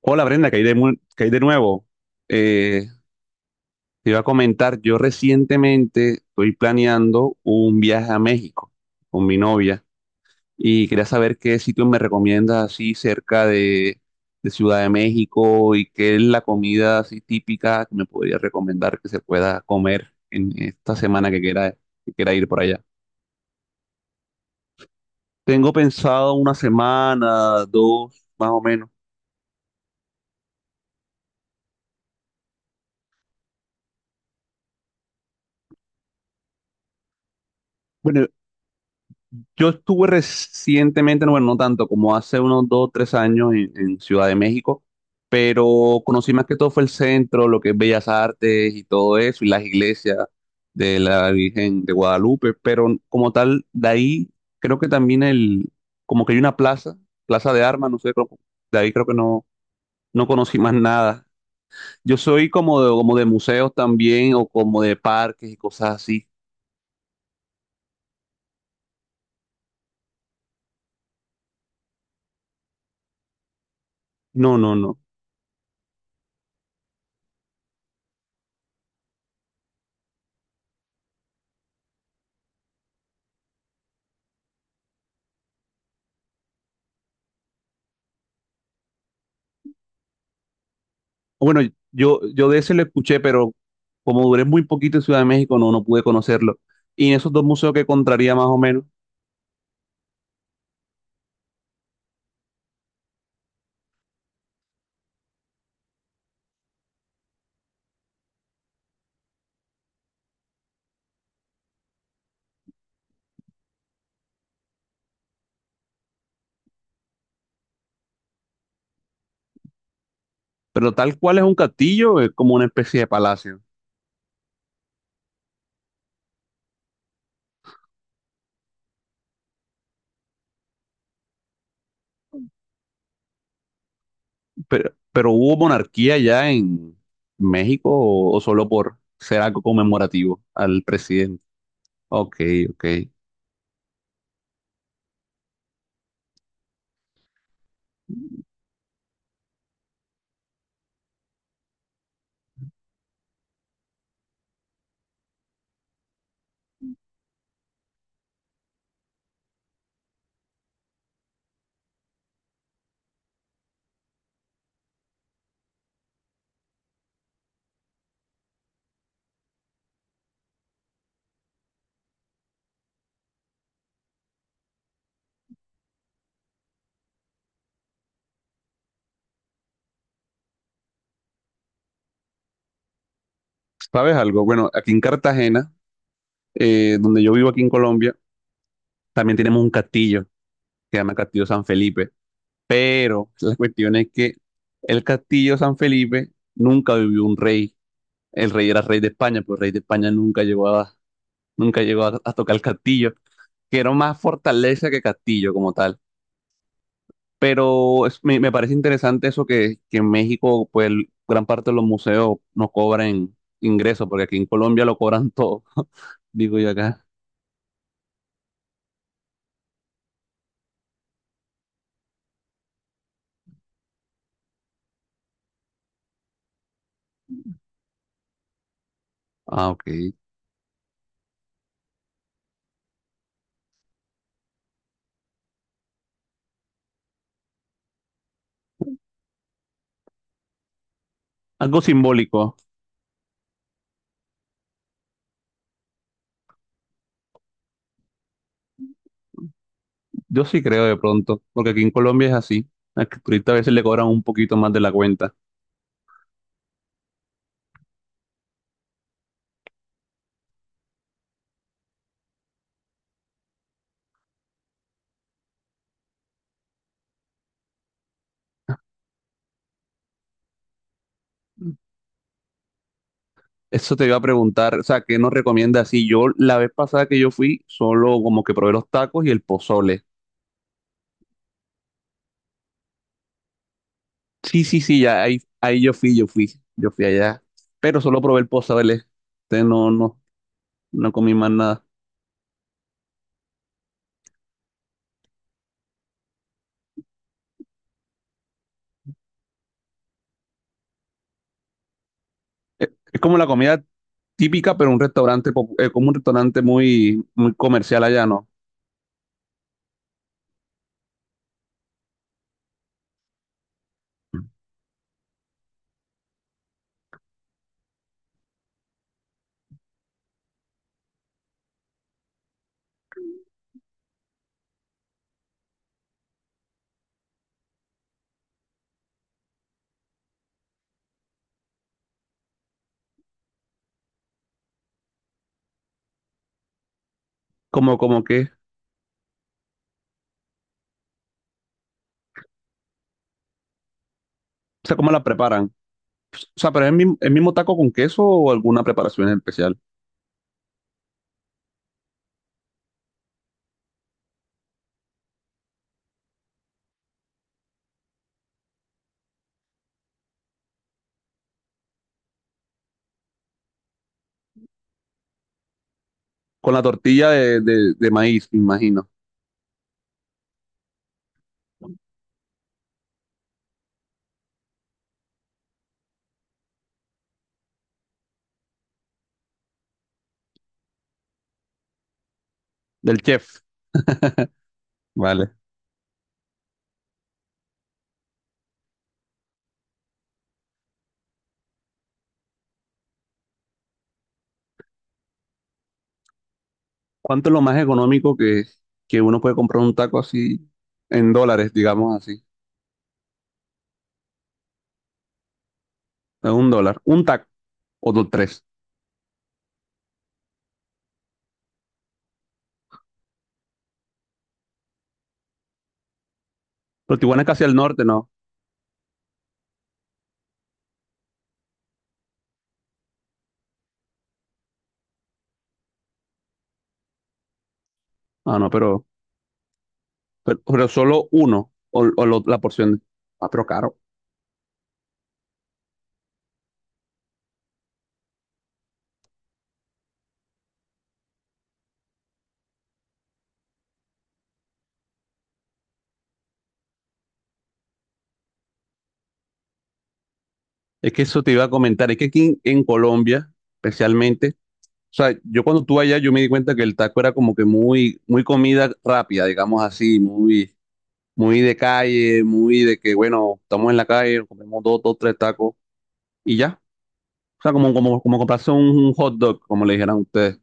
Hola Brenda, caí de nuevo. Eh, te iba a comentar, yo recientemente estoy planeando un viaje a México con mi novia y quería saber qué sitio me recomiendas así cerca de Ciudad de México y qué es la comida así típica que me podría recomendar que se pueda comer en esta semana que quiera ir por allá. Tengo pensado una semana, dos, más o menos. Bueno, yo estuve recientemente, no, bueno, no tanto, como hace unos 2, 3 años en Ciudad de México, pero conocí más que todo fue el centro, lo que es Bellas Artes y todo eso, y las iglesias de la Virgen de Guadalupe, pero como tal, de ahí creo que también como que hay una plaza, Plaza de Armas, no sé, de ahí creo que no conocí más nada. Yo soy como de museos también, o como de parques y cosas así. No, no, no. Bueno, yo de ese lo escuché, pero como duré muy poquito en Ciudad de México, no pude conocerlo. Y en esos dos museos que encontraría más o menos, pero tal cual es un castillo, es como una especie de palacio. Pero ¿hubo monarquía ya en México o, solo por ser algo conmemorativo al presidente? Ok, ok. ¿Sabes algo? Bueno, aquí en Cartagena, donde yo vivo aquí en Colombia, también tenemos un castillo, que se llama Castillo San Felipe. Pero la cuestión es que el castillo San Felipe nunca vivió un rey. El rey era rey de España, pero el rey de España nunca llegó a tocar el castillo, que era más fortaleza que castillo como tal. Pero me parece interesante eso que en México, pues gran parte de los museos no cobran ingresos, porque aquí en Colombia lo cobran todo. Digo yo acá. Ah, ok. Algo simbólico. Yo sí creo de pronto, porque aquí en Colombia es así. Al turista a veces le cobran un poquito más de la cuenta. Eso te iba a preguntar, o sea, ¿qué nos recomiendas? Si yo la vez pasada que yo fui, solo como que probé los tacos y el pozole. Sí, sí, sí, ya ahí yo fui allá, pero solo probé el pozole. Entonces no comí más nada. Es como la comida típica, pero un restaurante, como un restaurante muy, muy comercial allá, ¿no? Como que, o sea, ¿cómo la preparan? O sea, pero es el mismo taco con queso o alguna preparación especial. Con la tortilla de maíz, me imagino, del chef. Vale. ¿Cuánto es lo más económico que uno puede comprar un taco así en dólares, digamos así? Es $1, un taco o dos, tres. Pero Tijuana es casi al norte, ¿no? Ah, no, pero solo uno o la porción. Ah, pero caro. Es que eso te iba a comentar. Es que aquí en Colombia, especialmente, o sea, yo cuando estuve allá, yo me di cuenta que el taco era como que muy, muy comida rápida, digamos así, muy, muy de calle, muy de que, bueno, estamos en la calle, comemos dos, tres tacos y ya. O sea, como comprarse un hot dog, como le dijeran ustedes.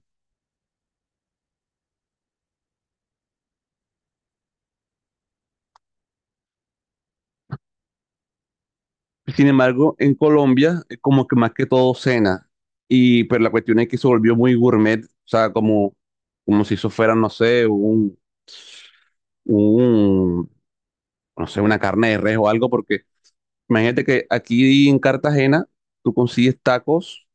Sin embargo, en Colombia es como que más que todo cena. Y pero la cuestión es que se volvió muy gourmet, o sea, como si eso fuera, no sé, un, no sé, una carne de res o algo, porque imagínate que aquí en Cartagena tú consigues tacos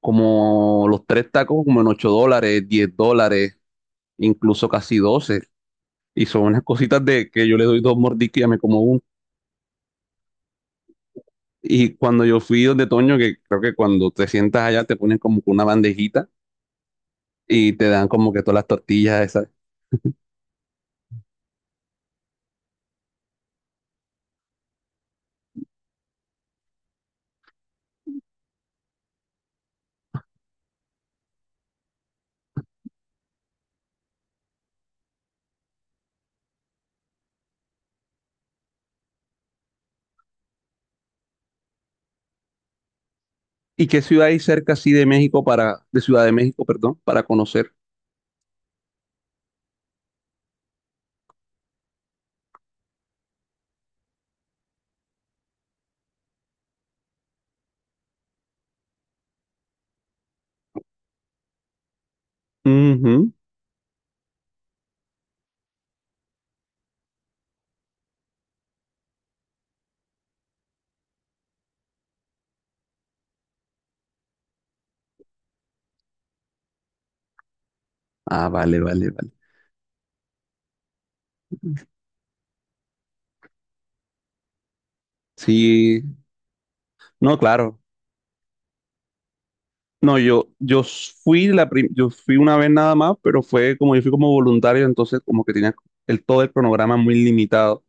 como los tres tacos como en $8, $10, incluso casi 12. Y son unas cositas de que yo le doy dos mordiscos y ya me como uno. Y cuando yo fui donde Toño, que creo que cuando te sientas allá te ponen como que una bandejita y te dan como que todas las tortillas esas. ¿Y qué ciudad hay cerca así de México de Ciudad de México, perdón, para conocer? Ujú. Ah, vale, vale, vale. Sí, no, claro. No, yo fui una vez nada más, pero fue como yo fui como voluntario, entonces como que tenía todo el cronograma muy limitado.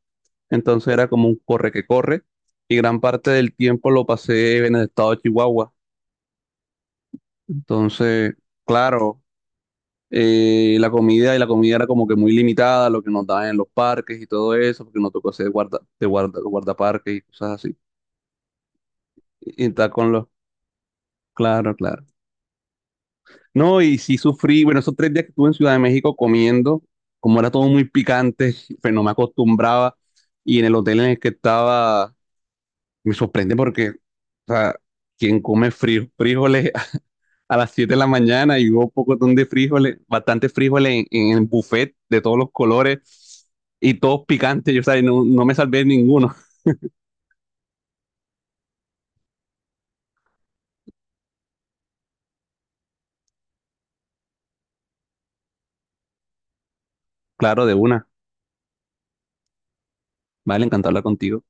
Entonces era como un corre que corre y gran parte del tiempo lo pasé en el estado de Chihuahua. Entonces, claro, la comida y la comida era como que muy limitada, lo que nos daban en los parques y todo eso, porque nos tocó hacer guardaparques y cosas así. Y estar con los, claro, claro. No, y sí sufrí, bueno, esos 3 días que estuve en Ciudad de México comiendo, como era todo muy picante, pues no me acostumbraba. Y en el hotel en el que estaba, me sorprende porque, o sea, quien come frijoles a las 7 de la mañana y hubo poco de frijoles, bastante frijoles en el buffet de todos los colores y todos picantes. Yo, o sea, no me salvé ninguno. Claro, de una. Vale, encantado de hablar contigo.